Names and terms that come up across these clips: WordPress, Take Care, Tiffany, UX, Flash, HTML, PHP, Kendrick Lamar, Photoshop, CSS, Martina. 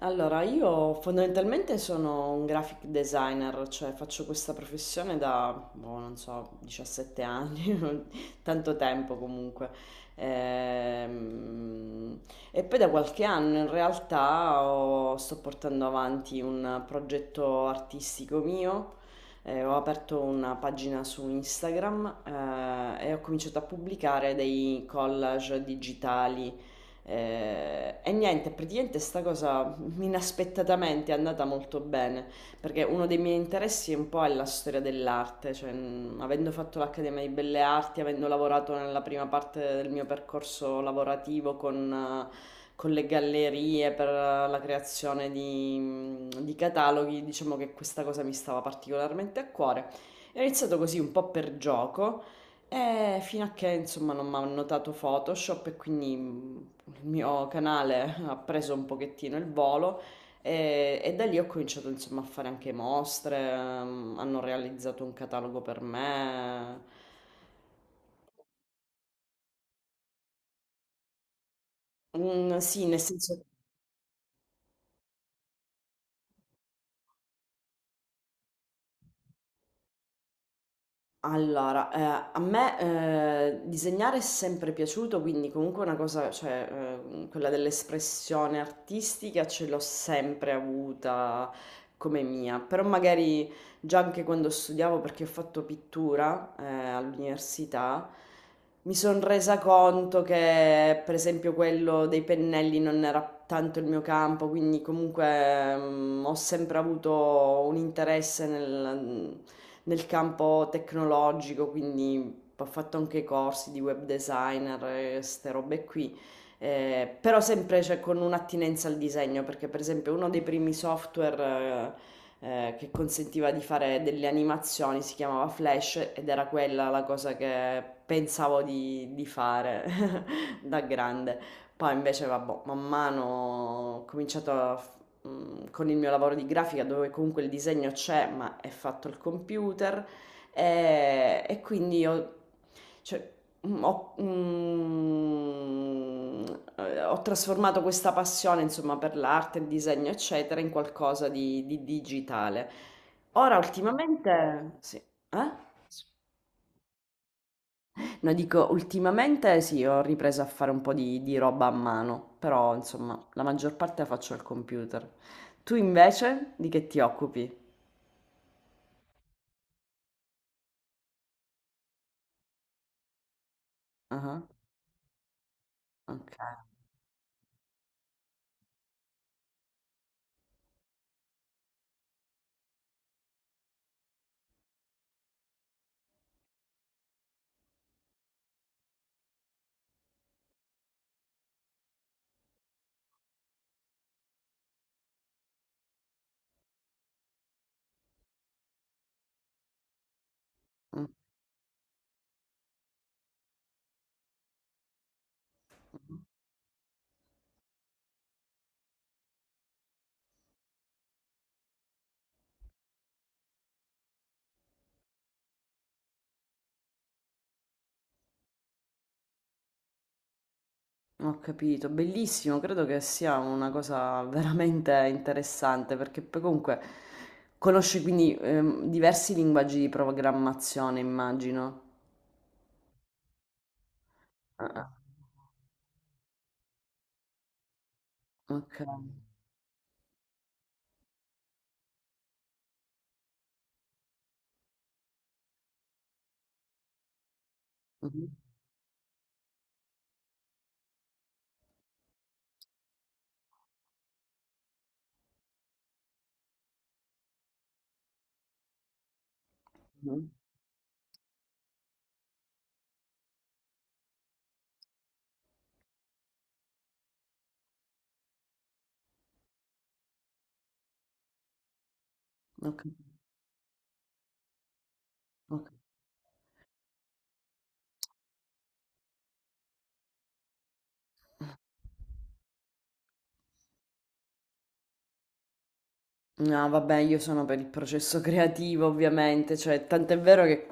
Allora, io fondamentalmente sono un graphic designer, cioè faccio questa professione da, boh, non so, 17 anni, tanto tempo comunque. Ehm, E, poi da qualche anno in realtà sto portando avanti un progetto artistico mio. Ho aperto una pagina su Instagram, e ho cominciato a pubblicare dei collage digitali. E niente, praticamente sta cosa inaspettatamente è andata molto bene, perché uno dei miei interessi è un po' è la storia dell'arte, cioè avendo fatto l'Accademia di Belle Arti, avendo lavorato nella prima parte del mio percorso lavorativo con le gallerie per la creazione di cataloghi, diciamo che questa cosa mi stava particolarmente a cuore. E ho iniziato così un po' per gioco, e fino a che insomma non mi hanno notato Photoshop e quindi il mio canale ha preso un pochettino il volo e da lì ho cominciato insomma a fare anche mostre, hanno realizzato un catalogo per me. Mm, sì, nel senso. Allora, a me disegnare è sempre piaciuto, quindi comunque una cosa, cioè quella dell'espressione artistica ce l'ho sempre avuta come mia, però magari già anche quando studiavo, perché ho fatto pittura all'università, mi sono resa conto che per esempio quello dei pennelli non era tanto il mio campo, quindi comunque ho sempre avuto un interesse nel campo tecnologico, quindi ho fatto anche corsi di web designer e ste robe qui. Però sempre cioè, con un'attinenza al disegno, perché per esempio uno dei primi software che consentiva di fare delle animazioni si chiamava Flash ed era quella la cosa che pensavo di fare da grande. Poi invece, vabbè, man mano ho cominciato con il mio lavoro di grafica dove comunque il disegno c'è, ma è fatto al computer, e quindi ho cioè, mhmm, ho trasformato questa passione, insomma, per l'arte, il disegno, eccetera, in qualcosa di digitale. Ora ultimamente sì. Eh? No, dico, ultimamente sì, ho ripreso a fare un po' di roba a mano, però insomma, la maggior parte la faccio al computer. Tu invece di che ti occupi? Ah. Ok. Mm, ho capito, bellissimo, credo che sia una cosa veramente interessante perché poi comunque conosci quindi diversi linguaggi di programmazione, immagino. Ah, ah. Ok. Mhm, mhm. Ho capito. No, vabbè, io sono per il processo creativo, ovviamente, cioè, tant'è vero che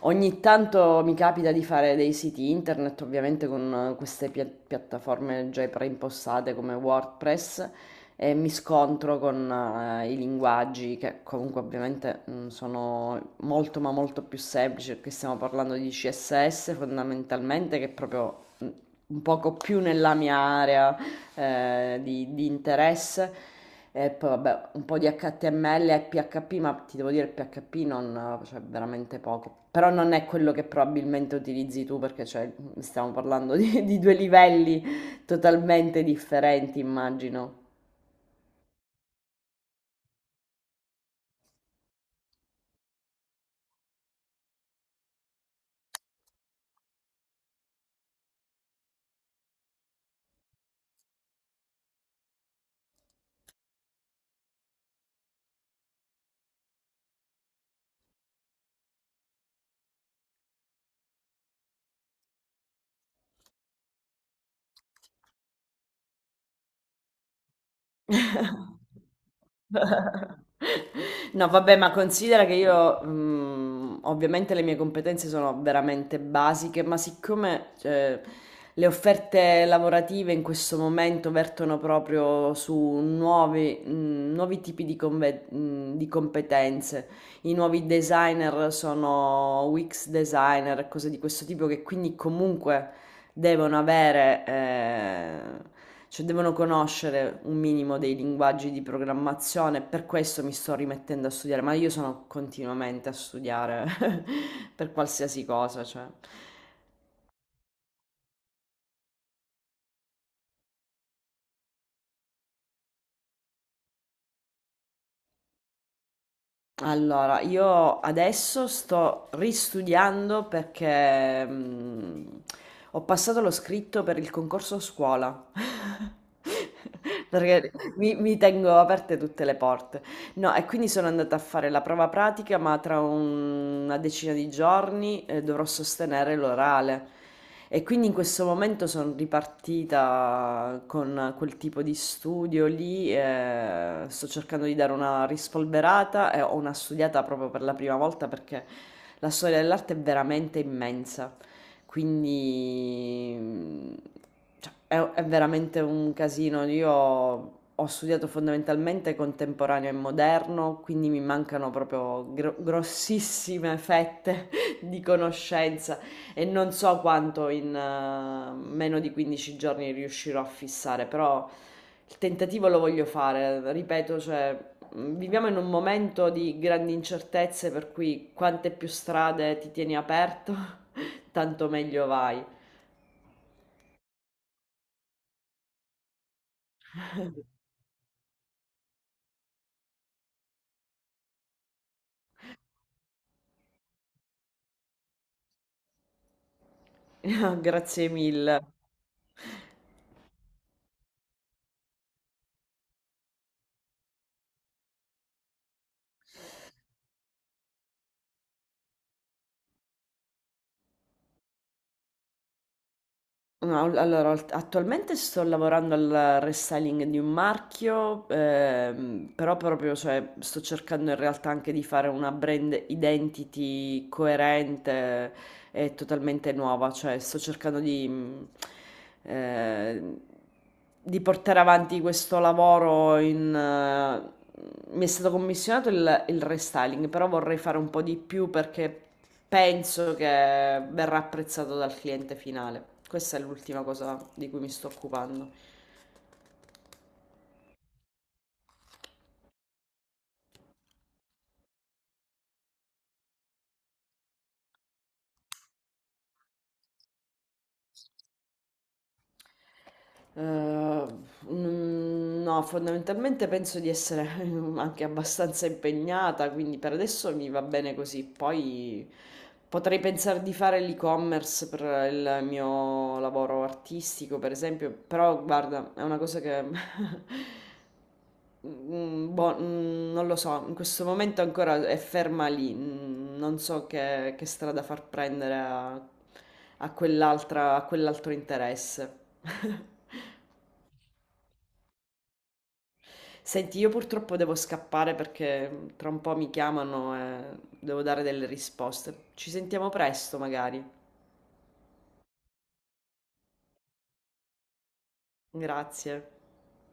ogni tanto mi capita di fare dei siti internet, ovviamente con queste piattaforme già preimpostate come WordPress, e mi scontro con i linguaggi che comunque ovviamente sono molto ma molto più semplici, perché stiamo parlando di CSS fondamentalmente, che è proprio un poco più nella mia area di interesse. E poi vabbè, un po' di HTML e PHP, ma ti devo dire il PHP non, cioè, veramente poco. Però non è quello che probabilmente utilizzi tu, perché cioè, stiamo parlando di due livelli totalmente differenti, immagino. No, vabbè, ma considera che io, ovviamente le mie competenze sono veramente basiche, ma siccome, cioè, le offerte lavorative in questo momento vertono proprio su nuovi tipi di, di competenze, i nuovi designer sono UX designer, cose di questo tipo che quindi comunque devono avere, cioè devono conoscere un minimo dei linguaggi di programmazione, per questo mi sto rimettendo a studiare, ma io sono continuamente a studiare per qualsiasi cosa, cioè. Allora, io adesso sto ristudiando perché ho passato lo scritto per il concorso scuola. Perché mi tengo aperte tutte le porte. No, e quindi sono andata a fare la prova pratica, ma tra una decina di giorni dovrò sostenere l'orale. E quindi in questo momento sono ripartita con quel tipo di studio lì, sto cercando di dare una rispolverata e ho una studiata proprio per la prima volta perché la storia dell'arte è veramente immensa. Quindi cioè, è veramente un casino. Io ho studiato fondamentalmente contemporaneo e moderno, quindi mi mancano proprio grossissime fette di conoscenza. E non so quanto in meno di 15 giorni riuscirò a fissare, però il tentativo lo voglio fare. Ripeto, cioè, viviamo in un momento di grandi incertezze, per cui quante più strade ti tieni aperto, tanto meglio vai. Grazie mille. No, all allora alt attualmente sto lavorando al restyling di un marchio, però proprio, cioè, sto cercando in realtà anche di fare una brand identity coerente e totalmente nuova, cioè sto cercando eh, di portare avanti questo lavoro mi è stato commissionato il restyling, però vorrei fare un po' di più perché penso che verrà apprezzato dal cliente finale. Questa è l'ultima cosa di cui mi sto occupando. Eh, no, fondamentalmente penso di essere anche abbastanza impegnata, quindi per adesso mi va bene così. Poi potrei pensare di fare l'e-commerce per il mio lavoro artistico, per esempio, però guarda, è una cosa che Mm, boh, non lo so, in questo momento ancora è ferma lì, non so che strada far prendere a quell'altra, a quell'altro interesse. Senti, io purtroppo devo scappare perché tra un po' mi chiamano e devo dare delle risposte. Ci sentiamo presto, magari. Grazie.